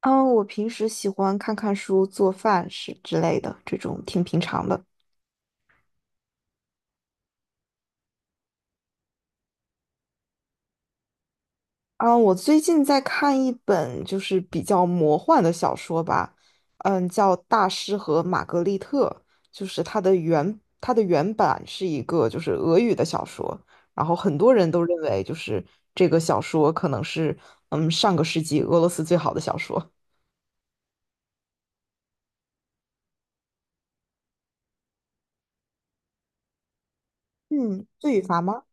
嗯，我平时喜欢看看书、做饭是之类的，这种挺平常的。我最近在看一本就是比较魔幻的小说吧，叫《大师和玛格丽特》，就是它的原版是一个就是俄语的小说，然后很多人都认为这个小说可能是上个世纪俄罗斯最好的小说。嗯，罪与罚吗？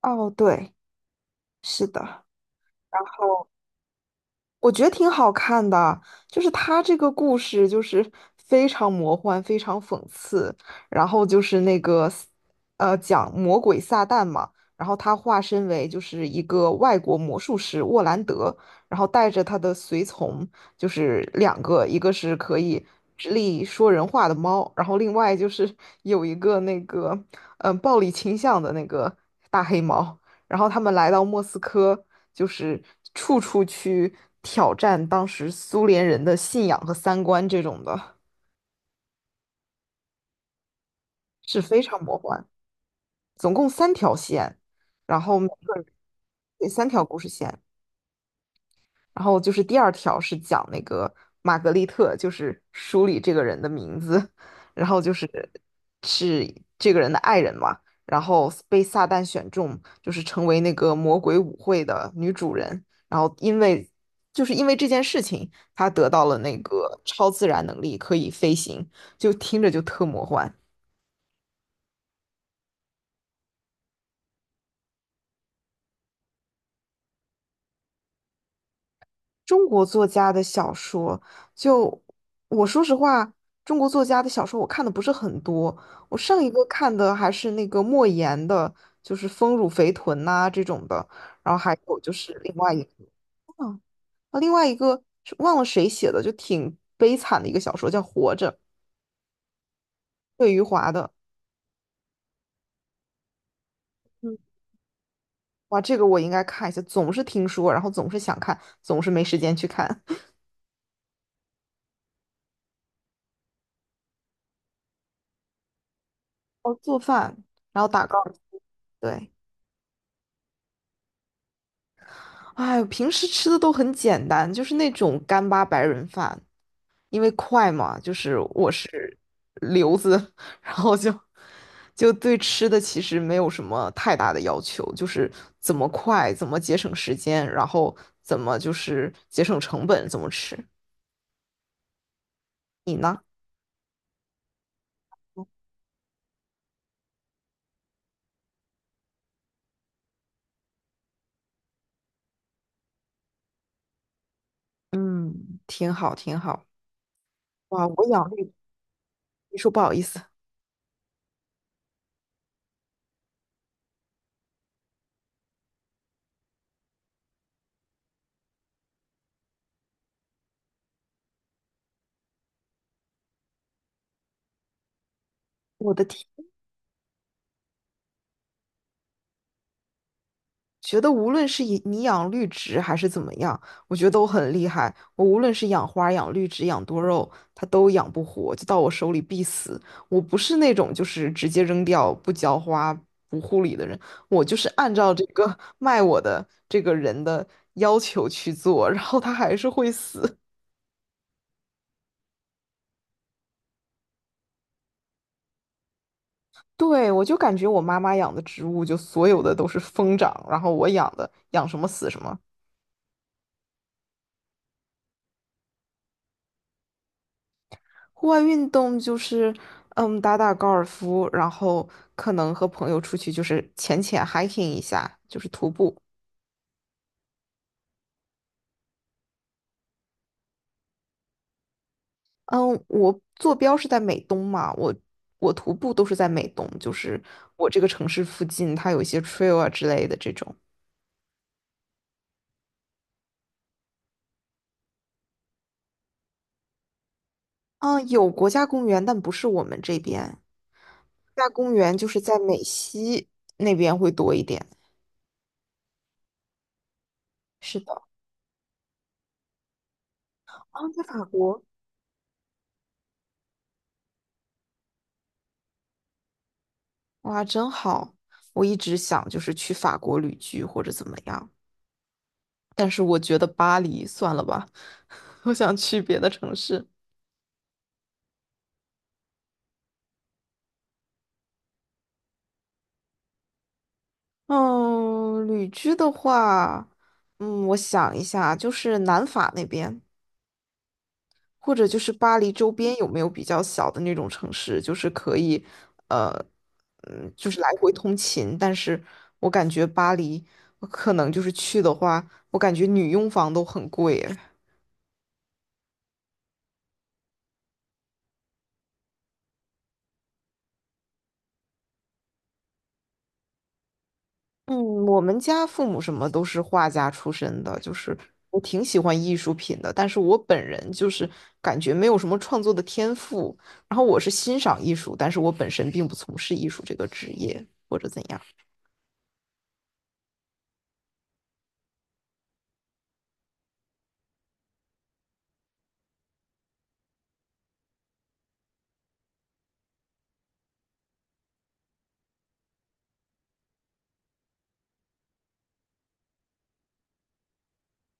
哦，对，是的。然后。我觉得挺好看的，就是他这个故事就是非常魔幻，非常讽刺，然后就是那个，讲魔鬼撒旦嘛，然后他化身为就是一个外国魔术师沃兰德，然后带着他的随从，就是两个，一个是可以直立说人话的猫，然后另外就是有一个暴力倾向的那个大黑猫。然后他们来到莫斯科，就是处处去挑战当时苏联人的信仰和三观这种的，是非常魔幻。总共三条线，然后每个人对三条故事线。然后就是第二条是讲那个玛格丽特，就是书里这个人的名字，然后就是是这个人的爱人嘛，然后被撒旦选中，就是成为那个魔鬼舞会的女主人，然后因为就是因为这件事情，她得到了那个超自然能力，可以飞行，就听着就特魔幻。中国作家的小说，就我说实话，中国作家的小说我看的不是很多。我上一个看的还是那个莫言的，就是《丰乳肥臀》呐这种的，然后还有就是另外一个，嗯另外一个是忘了谁写的，就挺悲惨的一个小说，叫《活着》，魏余华的。嗯，哇，这个我应该看一下，总是听说，然后总是想看，总是没时间去看。哦，做饭，然后打高尔夫，对。哎，平时吃的都很简单，就是那种干巴白人饭，因为快嘛，就是我是留子，然后对吃的其实没有什么太大的要求，就是怎么快，怎么节省时间，然后怎么就是节省成本，怎么吃。你呢？嗯，挺好，挺好。哇，我养绿，你说不好意思，我的天，觉得无论是以你养绿植还是怎么样，我觉得都很厉害。我无论是养花、养绿植、养多肉，它都养不活，就到我手里必死。我不是那种就是直接扔掉、不浇花、不护理的人，我就是按照这个卖我的这个人的要求去做，然后它还是会死。对，我就感觉我妈妈养的植物，就所有的都是疯长，然后我养的养什么死什么。户外运动就是，打打高尔夫，然后可能和朋友出去就是浅浅 hiking 一下，就是徒步。嗯，我坐标是在美东嘛，我徒步都是在美东，就是我这个城市附近，它有一些 trail 啊之类的这种。嗯，有国家公园，但不是我们这边。国家公园就是在美西那边会多一点。是的，啊，在法国，哇，真好！我一直想就是去法国旅居或者怎么样。但是我觉得巴黎算了吧，我想去别的城市。嗯，旅居的话，我想一下，就是南法那边，或者就是巴黎周边有没有比较小的那种城市，就是可以，呃，就是来回通勤。但是我感觉巴黎，我可能就是去的话，我感觉女佣房都很贵，嗯，我们家父母什么都是画家出身的，就是我挺喜欢艺术品的，但是我本人就是感觉没有什么创作的天赋。然后我是欣赏艺术，但是我本身并不从事艺术这个职业或者怎样。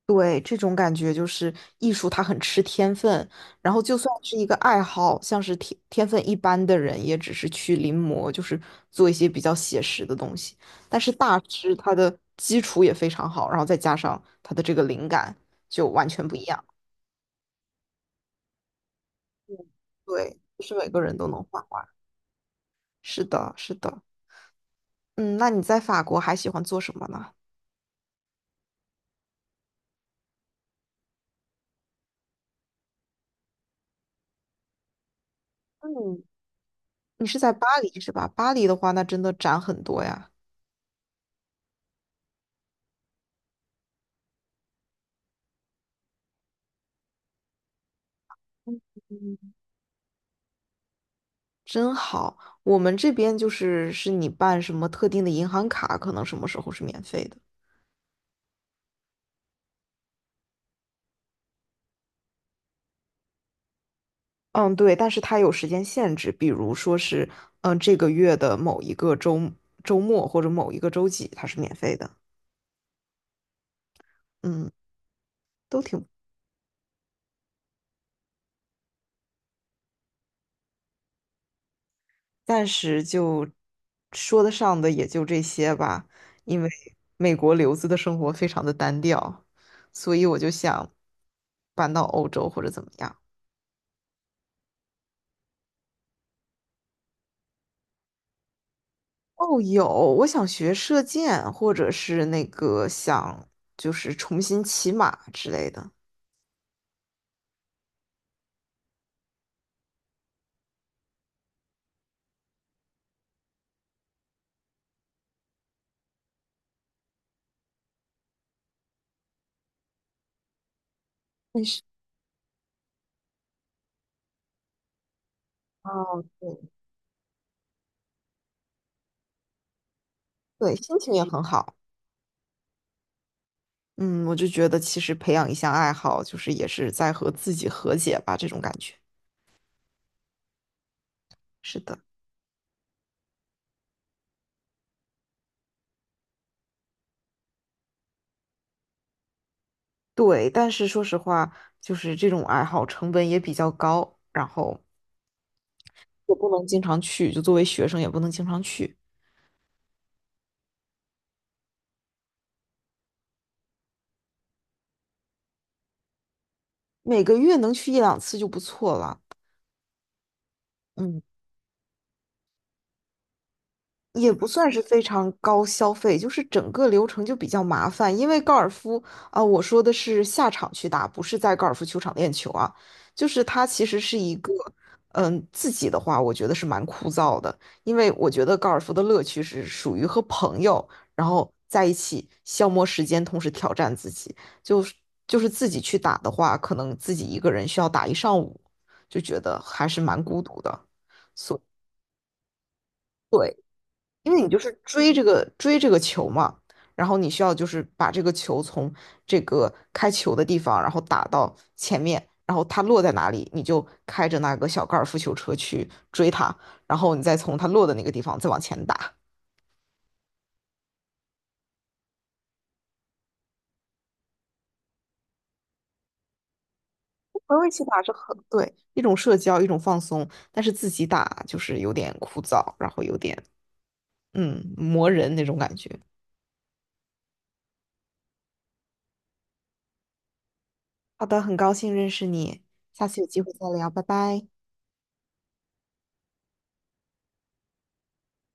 对，这种感觉就是艺术，它很吃天分。然后，就算是一个爱好，像是天分一般的人，也只是去临摹，就是做一些比较写实的东西。但是大师他的基础也非常好，然后再加上他的这个灵感，就完全不一样。对，不是每个人都能画画。是的，是的。嗯，那你在法国还喜欢做什么呢？嗯，你是在巴黎是吧？巴黎的话，那真的展很多呀。嗯。真好。我们这边就是是你办什么特定的银行卡，可能什么时候是免费的。嗯，对，但是它有时间限制，比如说是，这个月的某一个周末或者某一个周几，它是免费的。嗯，都挺，暂时就说得上的也就这些吧，因为美国留子的生活非常的单调，所以我就想搬到欧洲或者怎么样。哦，有，我想学射箭，或者是那个想就是重新骑马之类的。但是，哦，对，对，心情也很好。嗯，我就觉得其实培养一项爱好，就是也是在和自己和解吧，这种感觉。是的，对。但是说实话，就是这种爱好成本也比较高，然后也不能经常去，就作为学生也不能经常去，每个月能去一两次就不错了。嗯。也不算是非常高消费，就是整个流程就比较麻烦。因为高尔夫啊、我说的是下场去打，不是在高尔夫球场练球啊。就是它其实是一个，自己的话，我觉得是蛮枯燥的，因为我觉得高尔夫的乐趣是属于和朋友，然后在一起消磨时间，同时挑战自己。就是就是自己去打的话，可能自己一个人需要打一上午，就觉得还是蛮孤独的。所因为你就是追这个球嘛，然后你需要就是把这个球从这个开球的地方，然后打到前面，然后它落在哪里，你就开着那个小高尔夫球车去追它，然后你再从它落的那个地方再往前打。朋友一起打是很，对，一种社交，一种放松，但是自己打就是有点枯燥，然后有点磨人那种感觉。好的，很高兴认识你，下次有机会再聊，拜拜。